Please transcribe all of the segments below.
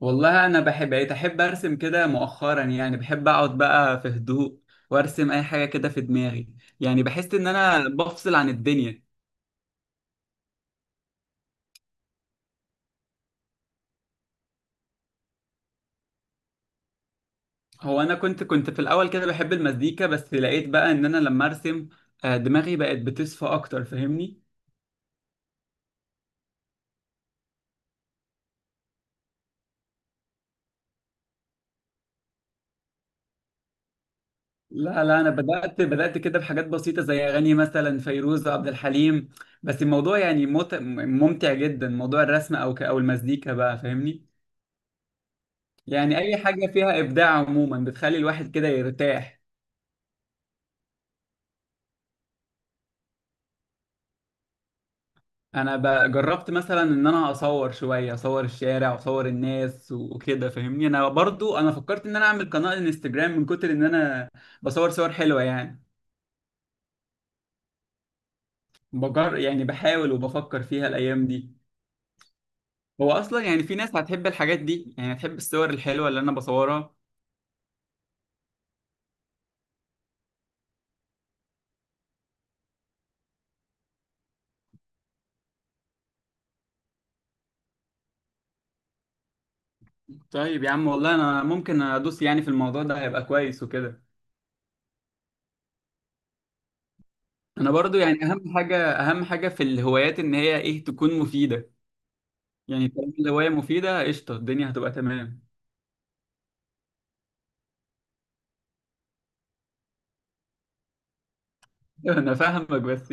والله، انا بقيت احب ارسم كده مؤخرا. يعني بحب اقعد بقى في هدوء وارسم اي حاجه كده في دماغي. يعني بحس ان انا بفصل عن الدنيا. هو انا كنت في الاول كده بحب المزيكا، بس لقيت بقى ان انا لما ارسم دماغي بقت بتصفى اكتر، فاهمني؟ لا لا، انا بدات كده بحاجات بسيطه، زي اغاني مثلا فيروز عبد الحليم. بس الموضوع يعني ممتع جدا، موضوع الرسم او المزيكا بقى، فاهمني؟ يعني اي حاجه فيها ابداع عموما بتخلي الواحد كده يرتاح. انا جربت مثلا ان انا اصور شويه، اصور الشارع واصور الناس وكده، فاهمني؟ انا برضو انا فكرت ان انا اعمل قناه انستجرام من كتر ان انا بصور صور حلوه يعني. يعني بحاول وبفكر فيها الايام دي. هو اصلا يعني في ناس هتحب الحاجات دي، يعني هتحب الصور الحلوه اللي انا بصورها. طيب يا عم، والله انا ممكن ادوس يعني في الموضوع ده، هيبقى كويس وكده. انا برضو يعني اهم حاجه، اهم حاجه في الهوايات ان هي ايه تكون مفيده. يعني طالما الهوايه مفيده قشطه، الدنيا هتبقى تمام. انا فاهمك، بس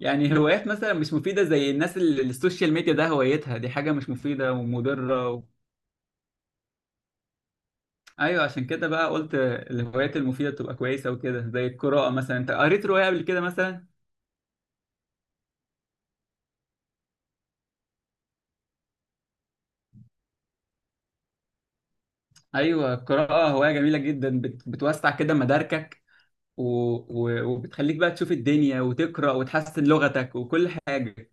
يعني هوايات مثلا مش مفيده، زي الناس اللي السوشيال ميديا ده هوايتها، دي حاجه مش مفيده ومضره ايوه، عشان كده بقى قلت الهوايات المفيده تبقى كويسه وكده، زي القراءه مثلا. انت قريت روايه قبل كده مثلا؟ ايوه، القراءه هوايه جميله جدا، بتوسع كده مداركك، و... وبتخليك بقى تشوف الدنيا وتقرا وتحسن لغتك وكل حاجه.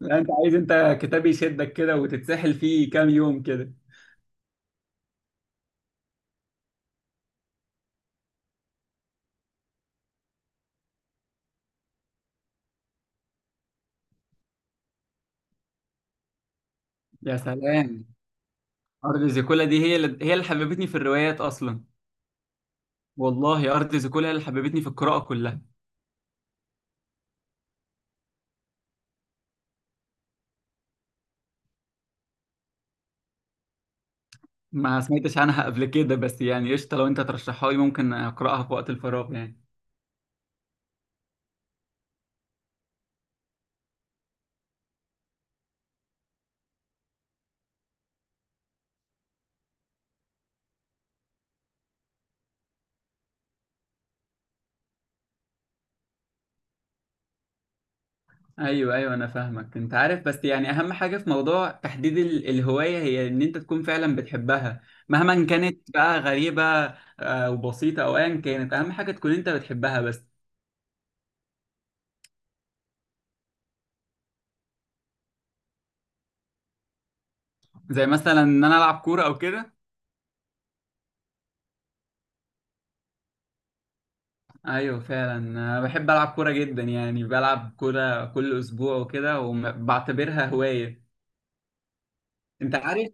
لا، انت عايز انت كتاب يشدك كده وتتسحل فيه كام يوم كده. يا سلام! ارض زيكولا دي هي اللي حببتني في الروايات اصلا. والله أرض زيكولا هي اللي حببتني في القراءة كلها. ما سمعتش عنها قبل كده، بس يعني قشطة، لو أنت ترشحها لي ممكن أقرأها في وقت الفراغ يعني. أيوه أيوه، أنا فاهمك. أنت عارف بس يعني أهم حاجة في موضوع تحديد الهواية هي إن أنت تكون فعلا بتحبها، مهما كانت بقى غريبة وبسيطة أو أيا كانت. أهم حاجة تكون أنت بتحبها بس. زي مثلا إن أنا ألعب كورة أو كده. ايوه فعلا، انا بحب العب كوره جدا، يعني بلعب كوره كل اسبوع وكده وبعتبرها هوايه. انت عارف؟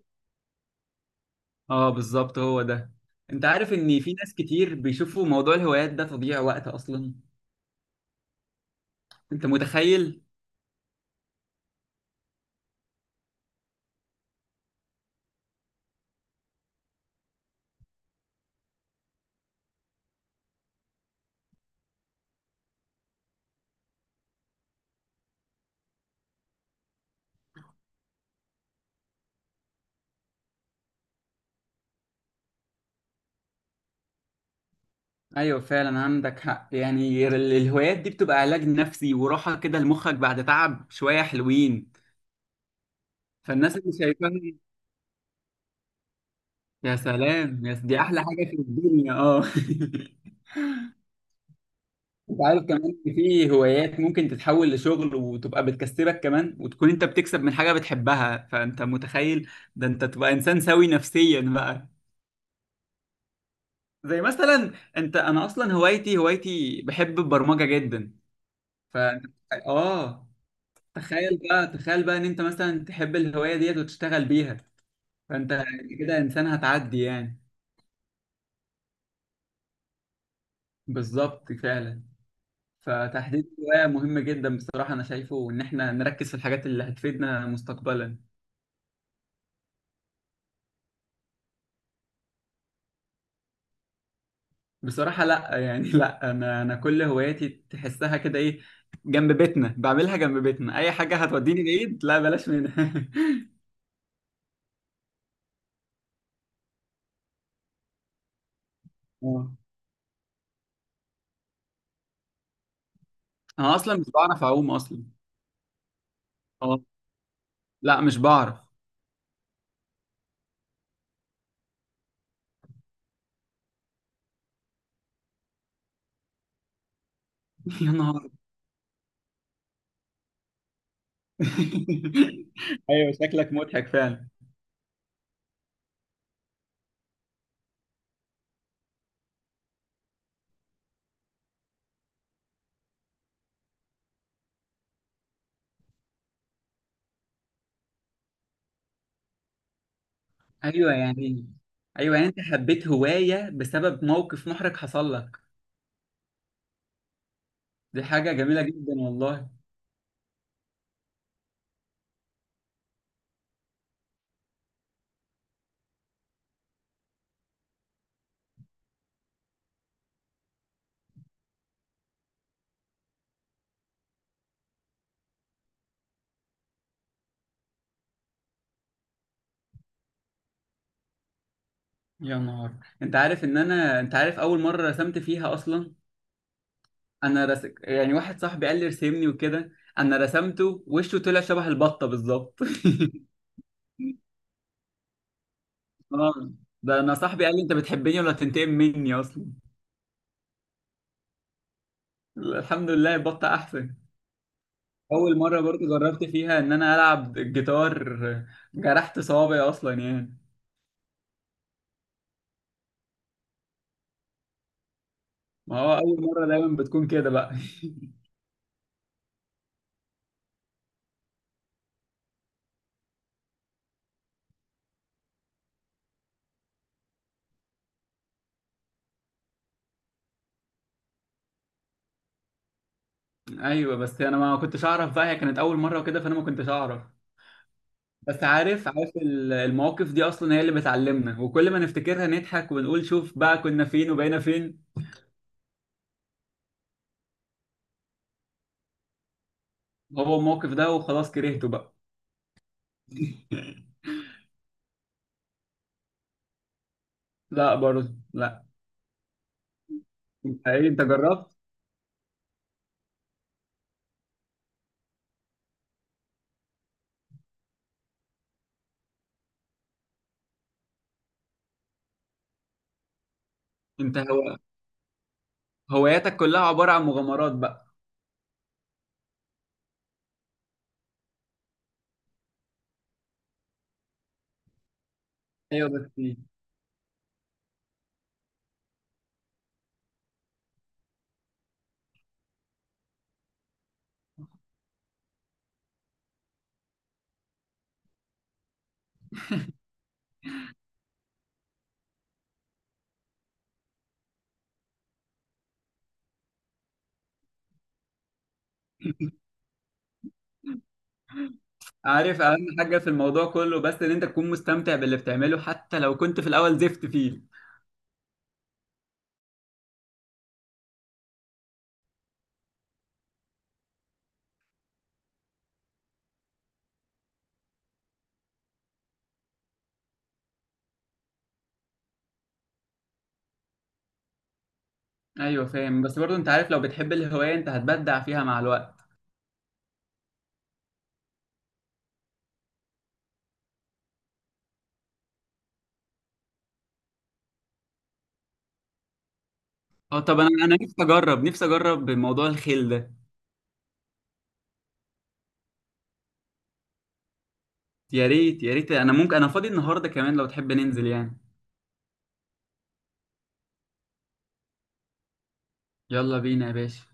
اه بالظبط، هو ده. انت عارف ان في ناس كتير بيشوفوا موضوع الهوايات ده تضييع وقت اصلا؟ انت متخيل؟ ايوه فعلا، عندك حق. يعني الهوايات دي بتبقى علاج نفسي وراحة كده لمخك بعد تعب، شوية حلوين. فالناس اللي شايفاها، يا سلام، دي احلى حاجة في الدنيا، اه. انت عارف كمان إن في هوايات ممكن تتحول لشغل وتبقى بتكسبك كمان، وتكون انت بتكسب من حاجة بتحبها، فانت متخيل؟ ده انت تبقى انسان سوي نفسيا بقى. زي مثلا، انا اصلا هوايتي بحب البرمجه جدا. فانت، اه تخيل بقى، ان انت مثلا تحب الهوايه ديت وتشتغل بيها، فانت كده انسان هتعدي يعني. بالظبط، فعلا. فتحديد الهوايه مهم جدا بصراحه، انا شايفه ان احنا نركز في الحاجات اللي هتفيدنا مستقبلا. بصراحه لا، يعني لا. انا، انا كل هواياتي تحسها كده ايه، جنب بيتنا بعملها. جنب بيتنا، اي حاجه هتوديني بعيد لا، بلاش منها. انا اصلا مش بعرف اعوم اصلا. اه، لا مش بعرف. يا نهار! ايوه، شكلك مضحك فعلا. ايوه يعني، ايوه يعني انت حبيت هوايه بسبب موقف محرج حصل لك. دي حاجه جميله جدا والله. يا نهار! انت عارف اول مره رسمت فيها اصلا؟ يعني واحد صاحبي قال لي ارسمني وكده. انا رسمته، وشه طلع شبه البطه بالظبط. اه، ده انا صاحبي قال لي انت بتحبني ولا تنتقم مني اصلا. الحمد لله البطه احسن. اول مره برضو جربت فيها ان انا العب الجيتار، جرحت صوابعي اصلا يعني. ما هو اول مره دايما بتكون كده بقى. ايوه بس انا ما كنتش اعرف بقى، هي كانت اول مره وكده، فانا ما كنتش اعرف. بس عارف، عارف المواقف دي اصلا هي اللي بتعلمنا، وكل ما نفتكرها نضحك ونقول شوف بقى كنا فين وبقينا فين. هو الموقف ده وخلاص، كرهته بقى. لا برضه، لا. انت ايه؟ انت جربت؟ انت هو هواياتك كلها عباره عن مغامرات بقى؟ ايوه بس إيه؟ عارف اهم حاجه في الموضوع كله، بس ان انت تكون مستمتع باللي بتعمله حتى لو كنت في الاول زفت فيه. ايوه فاهم، بس برضه انت عارف لو بتحب الهوايه انت هتبدع فيها مع الوقت. اه طب انا نفسي اجرب، نفسي اجرب موضوع الخيل ده. يا ريت، يا ريت. انا ممكن، انا فاضي النهارده كمان لو تحب ننزل يعني. يلا بينا يا باشا.